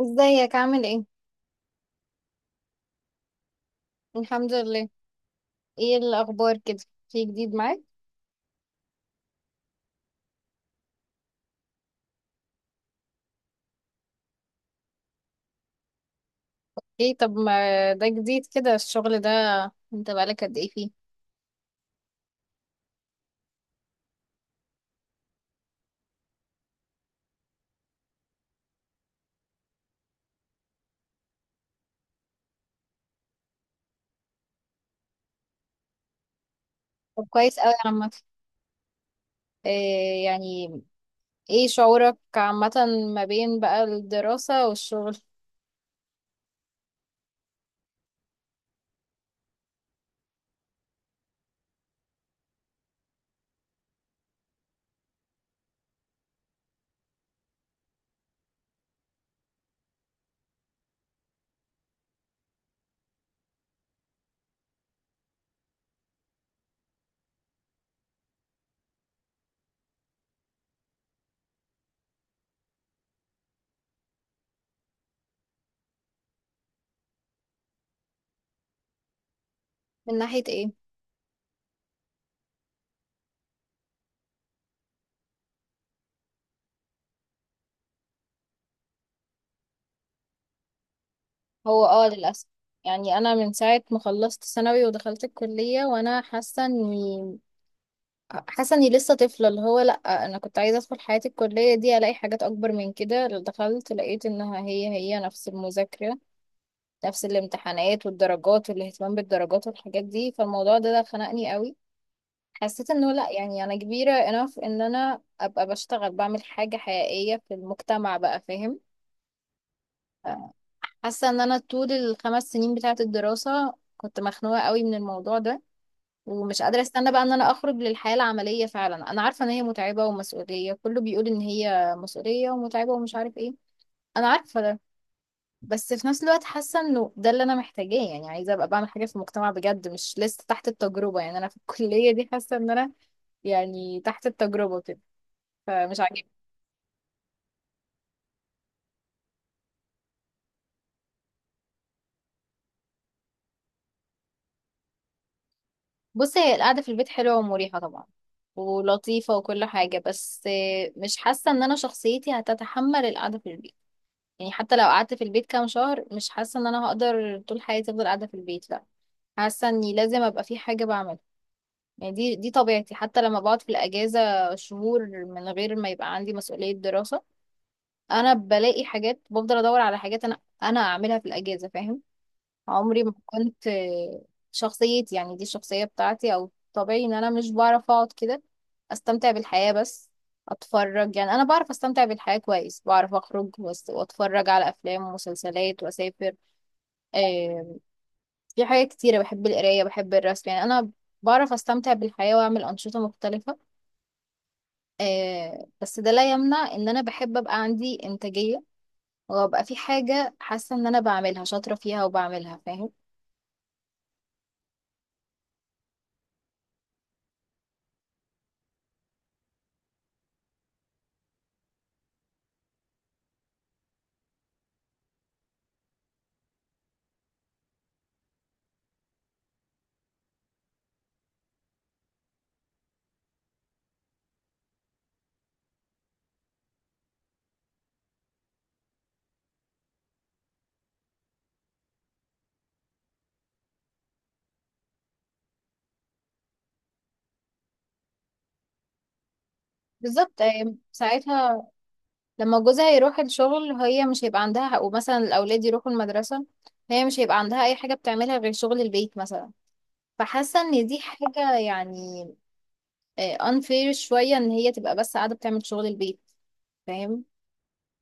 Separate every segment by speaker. Speaker 1: ازيك عامل ايه؟ الحمد لله. ايه الاخبار كده؟ في جديد معاك؟ ايه؟ طب ما ده جديد كده الشغل ده. انت بقالك قد ايه فيه؟ طب كويس قوي عامه. إيه يعني؟ ايه شعورك عامه ما بين بقى الدراسه والشغل؟ من ناحيه ايه؟ هو اه، للاسف. يعني انا من ساعه ما خلصت ثانوي ودخلت الكليه وانا حاسه اني لسه طفله. اللي هو لا، انا كنت عايزه ادخل حياه الكليه دي الاقي حاجات اكبر من كده. دخلت لقيت انها هي نفس المذاكره، نفس الامتحانات والدرجات والاهتمام بالدرجات والحاجات دي. فالموضوع ده خنقني قوي. حسيت انه لا، يعني انا كبيرة enough ان انا ابقى بشتغل، بعمل حاجة حقيقية في المجتمع بقى. فاهم؟ حاسة ان انا طول الخمس سنين بتاعة الدراسة كنت مخنوقة قوي من الموضوع ده، ومش قادرة استنى بقى ان انا اخرج للحياة العملية. فعلا انا عارفة ان هي متعبة ومسؤولية، كله بيقول ان هي مسؤولية ومتعبة ومش عارف ايه. انا عارفة. بس في نفس الوقت حاسه انه ده اللي انا محتاجاه. يعني عايزه ابقى بعمل حاجه في المجتمع بجد، مش لسه تحت التجربه. يعني انا في الكليه دي حاسه ان انا يعني تحت التجربه كده، فمش عاجبني. بصي، هي القعده في البيت حلوه ومريحه طبعا ولطيفه وكل حاجه، بس مش حاسه ان انا شخصيتي هتتحمل القعده في البيت. يعني حتى لو قعدت في البيت كام شهر، مش حاسه ان انا هقدر طول حياتي افضل قاعده في البيت. لا، حاسه اني لازم ابقى في حاجه بعملها. يعني دي طبيعتي. حتى لما بقعد في الأجازة شهور من غير ما يبقى عندي مسؤولية دراسة، أنا بلاقي حاجات، بفضل أدور على حاجات أنا أعملها في الأجازة. فاهم؟ عمري ما كنت شخصيتي، يعني دي الشخصية بتاعتي أو طبيعي إن أنا مش بعرف أقعد كده أستمتع بالحياة بس أتفرج. يعني أنا بعرف أستمتع بالحياة كويس، بعرف أخرج وأتفرج على أفلام ومسلسلات وأسافر. آه، في حاجات كتيرة، بحب القراية، بحب الرسم. يعني أنا بعرف أستمتع بالحياة وأعمل أنشطة مختلفة. بس ده لا يمنع ان انا بحب ابقى عندي انتاجية، وابقى في حاجة حاسة ان انا بعملها شاطرة فيها وبعملها. فاهم؟ بالظبط. ساعتها لما جوزها يروح الشغل هي مش هيبقى عندها حق، ومثلا الاولاد يروحوا المدرسة، هي مش هيبقى عندها اي حاجة بتعملها غير شغل البيت مثلا. فحاسة ان دي حاجة يعني unfair شوية، ان هي تبقى بس قاعدة بتعمل شغل البيت. فاهم؟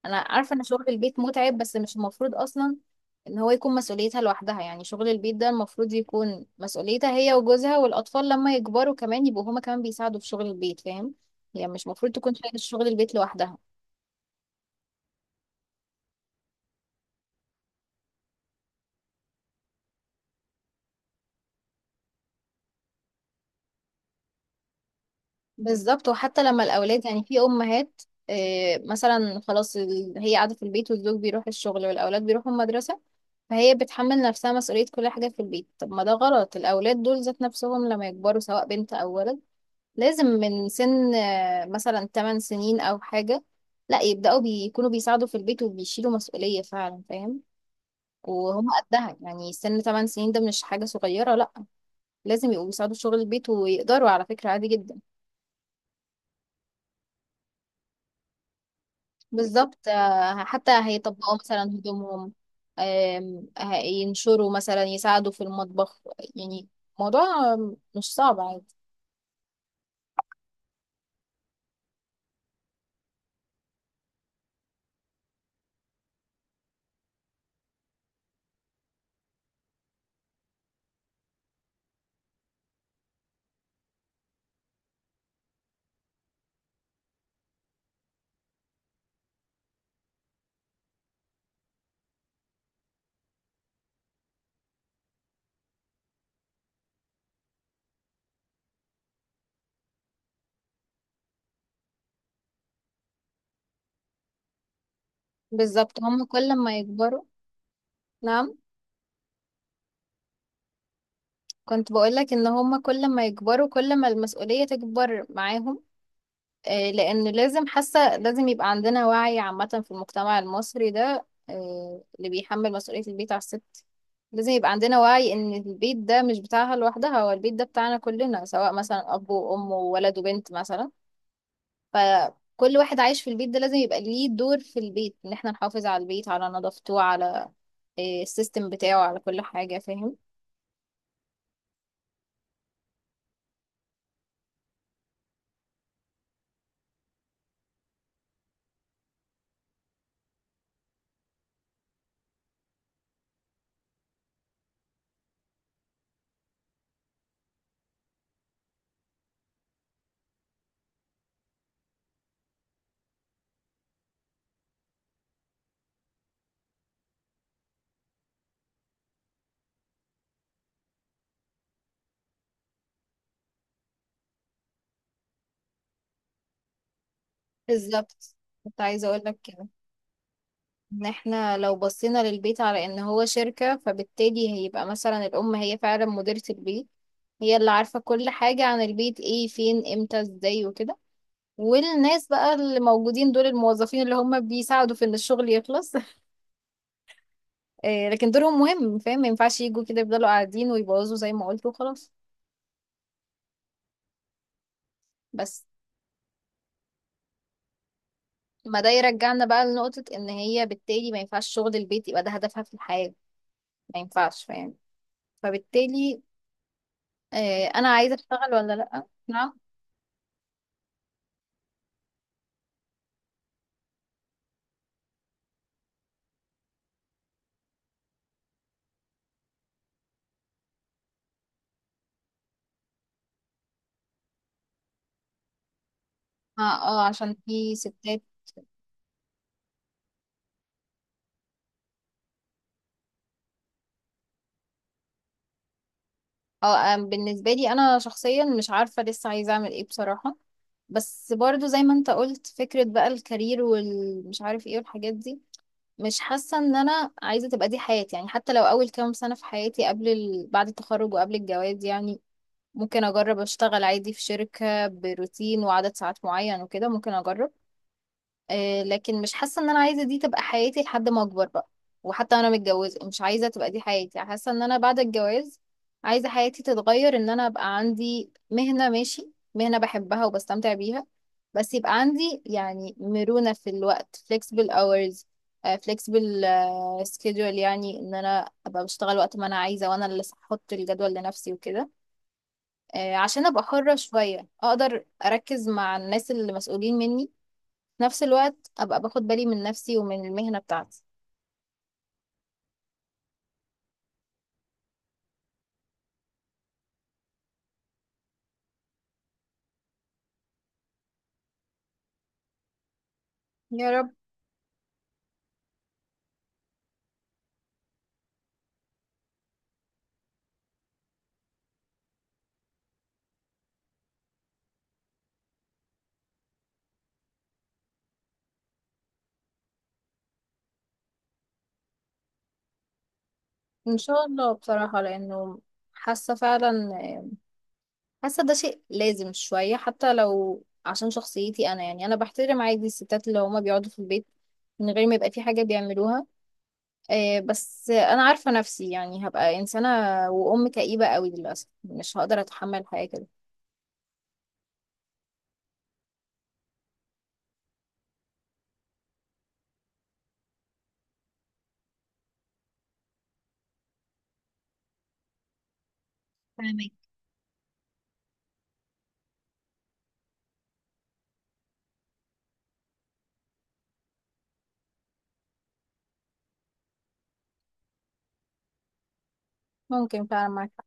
Speaker 1: انا عارفه ان شغل البيت متعب، بس مش المفروض اصلا ان هو يكون مسؤوليتها لوحدها. يعني شغل البيت ده المفروض يكون مسؤوليتها هي وجوزها، والاطفال لما يكبروا كمان يبقوا هما كمان بيساعدوا في شغل البيت. فاهم؟ هي مش المفروض تكون شايله شغل البيت لوحدها. بالظبط، وحتى لما الاولاد، يعني في امهات، مثلا خلاص، هي قاعده في البيت والزوج بيروح الشغل والاولاد بيروحوا المدرسه، فهي بتحمل نفسها مسؤوليه كل حاجه في البيت. طب ما ده غلط، الاولاد دول ذات نفسهم لما يكبروا سواء بنت او ولد، لازم من سن مثلا 8 سنين أو حاجة، لا، يبدأوا بيكونوا بيساعدوا في البيت وبيشيلوا مسؤولية فعلا. فاهم؟ وهم قدها، يعني سن 8 سنين ده مش حاجة صغيرة، لا. لازم يبقوا بيساعدوا في شغل البيت، ويقدروا على فكرة عادي جدا. بالظبط. حتى هيطبقوا مثلا هدومهم، هينشروا، مثلا يساعدوا في المطبخ. يعني موضوع مش صعب، عادي. بالظبط، هم كل ما يكبروا. نعم. كنت بقولك ان هما كل ما يكبروا كل ما المسؤولية تكبر معاهم. لان لازم، حاسة لازم يبقى عندنا وعي عامة في المجتمع المصري ده، اللي بيحمل مسؤولية البيت على الست. لازم يبقى عندنا وعي ان البيت ده مش بتاعها لوحدها، هو البيت ده بتاعنا كلنا، سواء مثلا اب وام وولد وبنت مثلا. فكل واحد عايش في البيت ده لازم يبقى ليه دور في البيت، ان احنا نحافظ على البيت، على نظافته، على السيستم بتاعه، على كل حاجة. فاهم؟ بالظبط. كنت عايزة اقولك كده، ان احنا لو بصينا للبيت على ان هو شركة، فبالتالي هيبقى مثلا الام هي فعلا مديرة البيت. هي اللي عارفة كل حاجة عن البيت، ايه فين امتى ازاي وكده. والناس بقى اللي موجودين دول الموظفين اللي هم بيساعدوا في ان الشغل يخلص لكن دورهم مهم. فاهم؟ ما ينفعش يجوا كده يفضلوا قاعدين ويبوظوا زي ما قلت وخلاص. بس، ما ده يرجعنا بقى لنقطة، ان هي بالتالي ما ينفعش شغل البيت يبقى ده هدفها في الحياة. ما ينفعش. فاهم؟ فبالتالي انا عايزة اشتغل ولا لأ؟ نعم. اه، اه، عشان في ستات. اه، بالنسبة لي انا شخصيا مش عارفة لسه عايزة اعمل ايه بصراحة. بس برضو زي ما انت قلت، فكرة بقى الكارير والمش عارف ايه والحاجات دي، مش حاسة ان انا عايزة تبقى دي حياتي. يعني حتى لو اول كام سنة في حياتي بعد التخرج وقبل الجواز، يعني ممكن اجرب اشتغل عادي في شركة بروتين وعدد ساعات معين وكده، ممكن اجرب. لكن مش حاسة ان انا عايزة دي تبقى حياتي لحد ما اكبر بقى. وحتى انا متجوزة مش عايزة تبقى دي حياتي. حاسة ان انا بعد الجواز عايزة حياتي تتغير، ان انا ابقى عندي مهنة، ماشي، مهنة بحبها وبستمتع بيها. بس يبقى عندي يعني مرونة في الوقت، flexible hours، flexible schedule. يعني ان انا ابقى بشتغل وقت ما انا عايزة، وانا اللي احط الجدول لنفسي وكده. عشان ابقى حرة شوية، اقدر اركز مع الناس اللي مسؤولين مني، في نفس الوقت ابقى باخد بالي من نفسي ومن المهنة بتاعتي. يا رب. ان شاء الله بصراحة، لانه حاسة فعلا، حاسة ده شيء لازم شوية، حتى لو عشان شخصيتي انا. يعني انا بحترم عادي الستات اللي هما بيقعدوا في البيت من غير ما يبقى في حاجة بيعملوها، بس انا عارفة نفسي، يعني هبقى انسانة وام كئيبة قوي للاسف. مش هقدر اتحمل حاجة كده. فاهمك. ممكن فعلا معاك حق.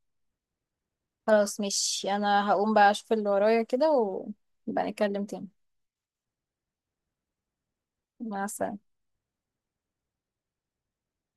Speaker 1: خلاص، مش انا هقوم بقى اشوف اللي ورايا كده ونبقى نتكلم تاني. مع السلامة.